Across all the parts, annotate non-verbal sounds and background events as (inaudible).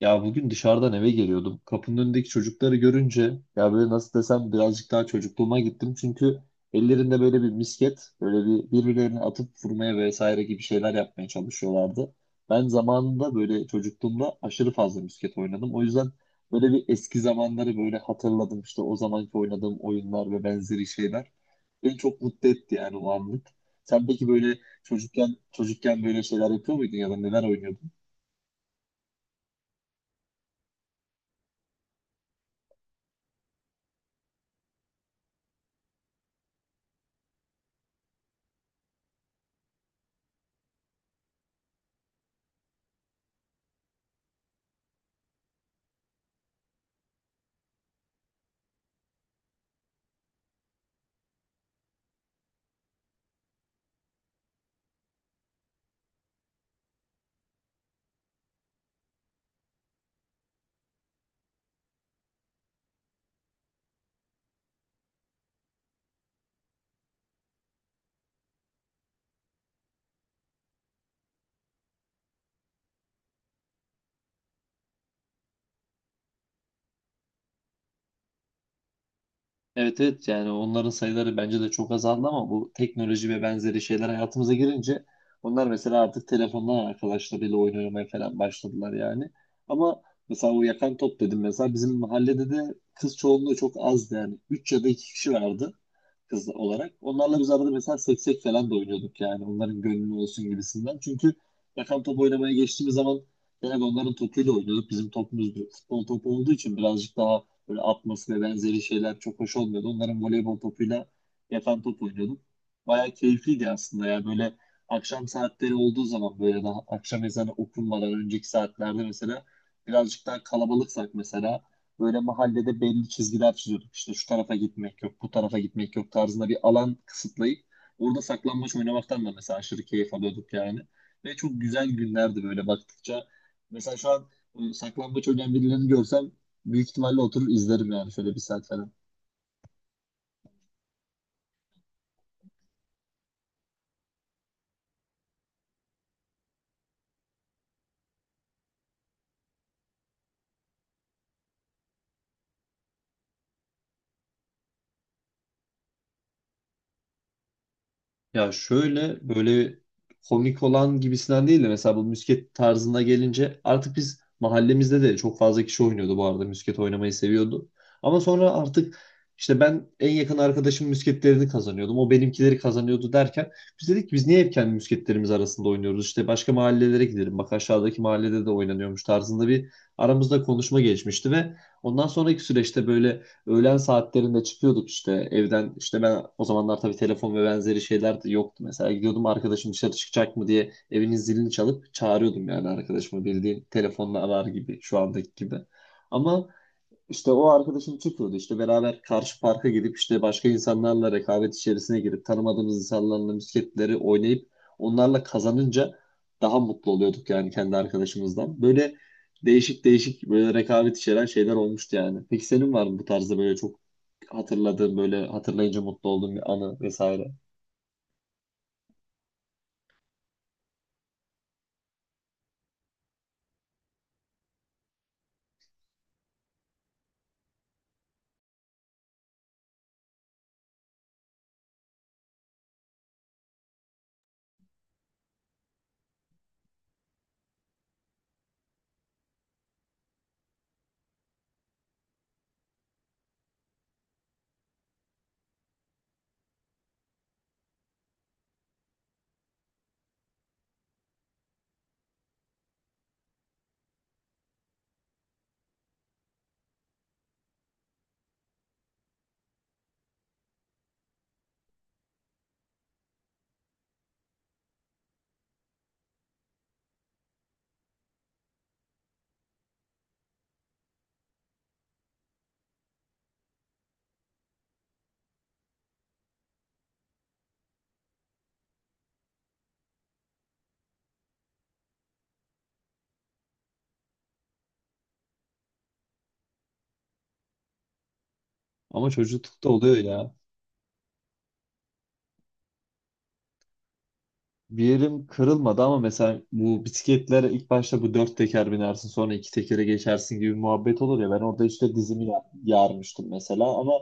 Ya bugün dışarıdan eve geliyordum. Kapının önündeki çocukları görünce ya böyle nasıl desem birazcık daha çocukluğuma gittim. Çünkü ellerinde böyle bir misket, böyle bir birbirlerine atıp vurmaya vesaire gibi şeyler yapmaya çalışıyorlardı. Ben zamanında böyle çocukluğumda aşırı fazla misket oynadım. O yüzden böyle bir eski zamanları böyle hatırladım. İşte o zamanki oynadığım oyunlar ve benzeri şeyler beni çok mutlu etti yani o anlık. Sen peki böyle çocukken böyle şeyler yapıyor muydun ya da neler oynuyordun? Evet evet, yani onların sayıları bence de çok azaldı ama bu teknoloji ve benzeri şeyler hayatımıza girince onlar mesela artık telefondan arkadaşlarıyla oyun oynamaya falan başladılar yani. Ama mesela o yakan top dedim, mesela bizim mahallede de kız çoğunluğu çok azdı yani. Üç ya da 2 kişi vardı kız olarak. Onlarla biz arada mesela seksek falan da oynuyorduk yani, onların gönlü olsun gibisinden. Çünkü yakan top oynamaya geçtiğimiz zaman genelde onların topuyla oynuyorduk. Bizim topumuz futbol topu olduğu için birazcık daha böyle atması ve benzeri şeyler çok hoş olmuyordu. Onların voleybol topuyla yakan top oynuyordum. Bayağı keyifliydi aslında ya. Böyle akşam saatleri olduğu zaman, böyle daha akşam ezanı okunmadan önceki saatlerde mesela birazcık daha kalabalıksak mesela böyle mahallede belli çizgiler çiziyorduk. İşte şu tarafa gitmek yok, bu tarafa gitmek yok tarzında bir alan kısıtlayıp orada saklambaç oynamaktan da mesela aşırı keyif alıyorduk yani. Ve çok güzel günlerdi böyle baktıkça. Mesela şu an saklambaç oynayan birilerini görsem büyük ihtimalle oturur izlerim yani, şöyle bir saat falan. Ya şöyle böyle komik olan gibisinden değil de mesela bu misket tarzına gelince, artık biz mahallemizde de çok fazla kişi oynuyordu bu arada, misket oynamayı seviyordu. Ama sonra artık işte ben en yakın arkadaşım misketlerini kazanıyordum. O benimkileri kazanıyordu derken biz dedik ki biz niye hep kendi misketlerimiz arasında oynuyoruz? İşte başka mahallelere gidelim. Bak aşağıdaki mahallede de oynanıyormuş tarzında bir aramızda konuşma geçmişti. Ve ondan sonraki süreçte böyle öğlen saatlerinde çıkıyorduk işte evden. İşte ben o zamanlar tabii telefon ve benzeri şeyler de yoktu. Mesela gidiyordum, arkadaşım dışarı çıkacak mı diye evinin zilini çalıp çağırıyordum yani arkadaşımı, bildiğin telefonla arar gibi şu andaki gibi. Ama işte o arkadaşım çıkıyordu. İşte beraber karşı parka gidip işte başka insanlarla rekabet içerisine girip tanımadığımız insanlarla misketleri oynayıp onlarla kazanınca daha mutlu oluyorduk yani kendi arkadaşımızdan. Böyle değişik değişik böyle rekabet içeren şeyler olmuştu yani. Peki senin var mı bu tarzda böyle çok hatırladığın, böyle hatırlayınca mutlu olduğun bir anı vesaire? Ama çocuklukta oluyor ya. Bir yerim kırılmadı ama mesela bu bisikletlere ilk başta bu dört teker binersin, sonra iki tekere geçersin gibi muhabbet olur ya, ben orada işte dizimi yarmıştım mesela, ama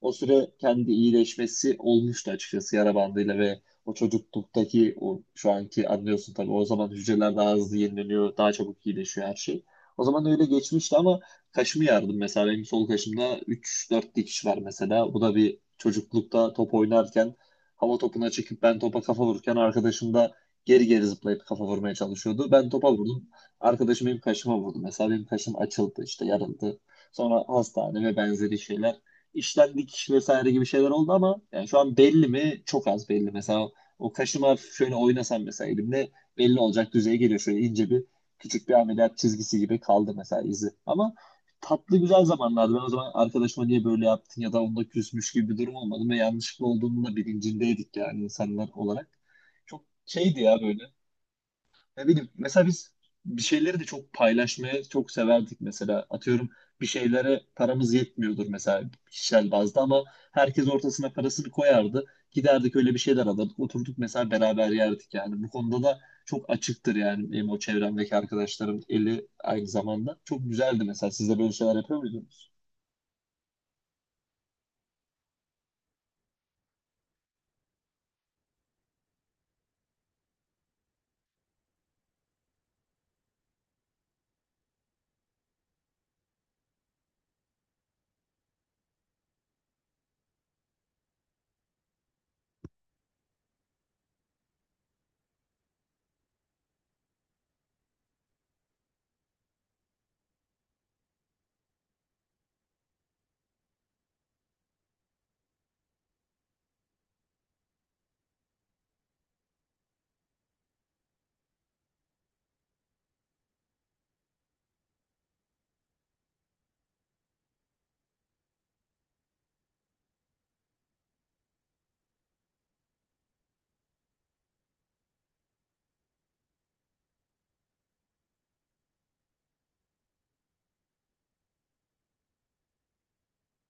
o süre kendi iyileşmesi olmuştu açıkçası yara bandıyla. Ve o çocukluktaki, o şu anki, anlıyorsun tabii o zaman hücreler daha hızlı yenileniyor, daha çabuk iyileşiyor her şey. O zaman öyle geçmişti ama kaşımı yardım mesela, benim sol kaşımda üç dört dikiş var mesela. Bu da bir çocuklukta top oynarken hava topuna çekip ben topa kafa vururken arkadaşım da geri geri zıplayıp kafa vurmaya çalışıyordu. Ben topa vurdum. Arkadaşım benim kaşıma vurdu. Mesela benim kaşım açıldı, işte yarıldı. Sonra hastane ve benzeri şeyler. İşten dikiş vesaire gibi şeyler oldu ama yani şu an belli mi? Çok az belli. Mesela o kaşıma hafif şöyle oynasam mesela elimle, belli olacak düzeye geliyor. Şöyle ince bir, küçük bir ameliyat çizgisi gibi kaldı mesela izi. Ama tatlı güzel zamanlardı. Ben o zaman arkadaşıma niye böyle yaptın ya da onunla küsmüş gibi bir durum olmadı ve yanlışlıkla olduğunun da bilincindeydik yani insanlar olarak. Çok şeydi ya, böyle ne bileyim, mesela biz bir şeyleri de çok paylaşmaya çok severdik mesela. Atıyorum bir şeylere paramız yetmiyordur mesela kişisel bazda, ama herkes ortasına parasını koyardı. Giderdik, öyle bir şeyler alırdık. Oturduk mesela beraber yerdik yani. Bu konuda da çok açıktır yani benim o çevremdeki arkadaşlarım eli aynı zamanda. Çok güzeldi mesela. Siz de böyle şeyler yapıyor muydunuz?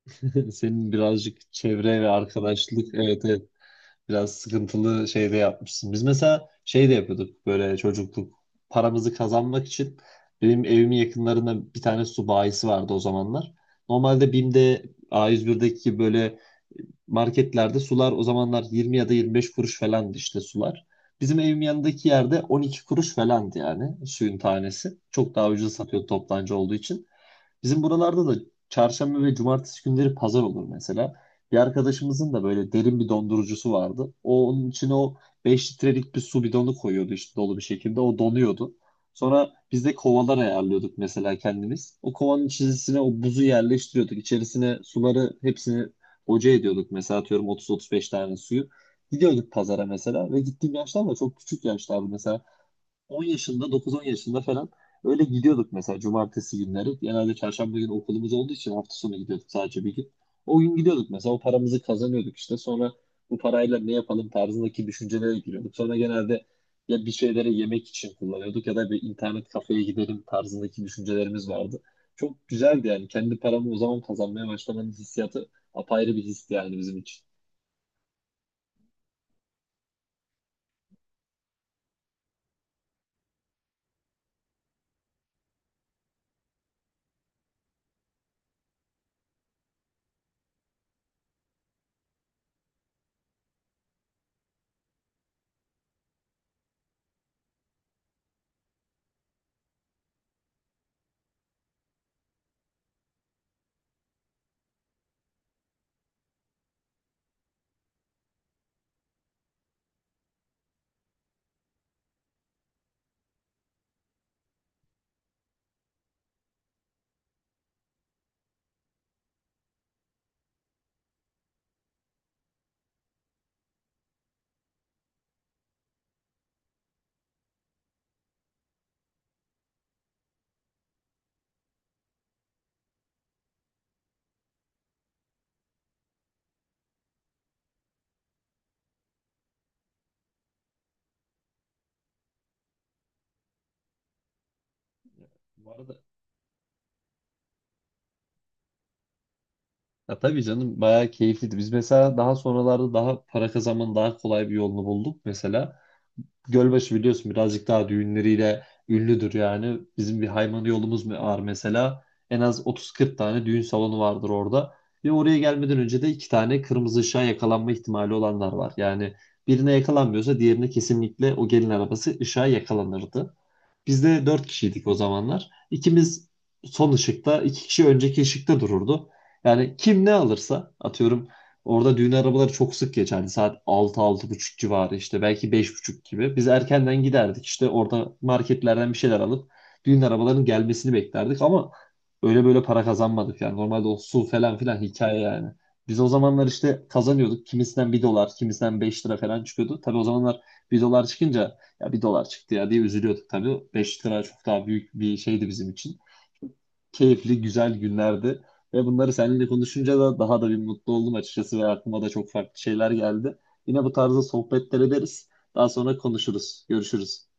(laughs) Senin birazcık çevre ve arkadaşlık, evet evet, biraz sıkıntılı şey de yapmışsın. Biz mesela şey de yapıyorduk böyle çocukluk, paramızı kazanmak için benim evimin yakınlarında bir tane su bayisi vardı o zamanlar. Normalde BİM'de, A101'deki gibi böyle marketlerde sular o zamanlar 20 ya da 25 kuruş falandı işte sular. Bizim evim yanındaki yerde 12 kuruş falandı yani suyun tanesi. Çok daha ucuz satıyor toptancı olduğu için. Bizim buralarda da çarşamba ve cumartesi günleri pazar olur mesela. Bir arkadaşımızın da böyle derin bir dondurucusu vardı. O onun içine o 5 litrelik bir su bidonu koyuyordu işte dolu bir şekilde. O donuyordu. Sonra biz de kovalar ayarlıyorduk mesela kendimiz. O kovanın içerisine o buzu yerleştiriyorduk. İçerisine suları hepsini boca ediyorduk. Mesela atıyorum 30-35 tane suyu. Gidiyorduk pazara mesela. Ve gittiğim yaşlar da çok küçük yaşlardı mesela. 10 yaşında, 9-10 yaşında falan öyle gidiyorduk mesela cumartesi günleri. Genelde çarşamba günü okulumuz olduğu için hafta sonu gidiyorduk, sadece bir gün. O gün gidiyorduk mesela, o paramızı kazanıyorduk işte. Sonra bu parayla ne yapalım tarzındaki düşüncelere giriyorduk. Sonra genelde ya bir şeylere yemek için kullanıyorduk, ya da bir internet kafeye gidelim tarzındaki düşüncelerimiz vardı. Çok güzeldi yani, kendi paramı o zaman kazanmaya başlamanın hissiyatı apayrı bir histi yani bizim için. Bu arada ya tabii canım, bayağı keyifliydi. Biz mesela daha sonralarda daha para kazanmanın daha kolay bir yolunu bulduk. Mesela Gölbaşı biliyorsun birazcık daha düğünleriyle ünlüdür yani. Bizim bir Haymana yolumuz mu var mesela. En az 30-40 tane düğün salonu vardır orada. Ve oraya gelmeden önce de iki tane kırmızı ışığa yakalanma ihtimali olanlar var. Yani birine yakalanmıyorsa diğerine, kesinlikle o gelin arabası ışığa yakalanırdı. Biz de dört kişiydik o zamanlar. İkimiz son ışıkta, iki kişi önceki ışıkta dururdu. Yani kim ne alırsa, atıyorum orada düğün arabaları çok sık geçerdi. Saat altı altı buçuk civarı işte, belki beş buçuk gibi. Biz erkenden giderdik işte, orada marketlerden bir şeyler alıp düğün arabalarının gelmesini beklerdik. Ama öyle böyle para kazanmadık yani. Normalde o su falan filan hikaye yani. Biz o zamanlar işte kazanıyorduk. Kimisinden 1 dolar, kimisinden 5 lira falan çıkıyordu. Tabii o zamanlar 1 dolar çıkınca, ya 1 dolar çıktı ya diye üzülüyorduk tabii. 5 lira çok daha büyük bir şeydi bizim için. Keyifli, güzel günlerdi. Ve bunları seninle konuşunca da daha da bir mutlu oldum açıkçası ve aklıma da çok farklı şeyler geldi. Yine bu tarzda sohbetler ederiz. Daha sonra konuşuruz. Görüşürüz.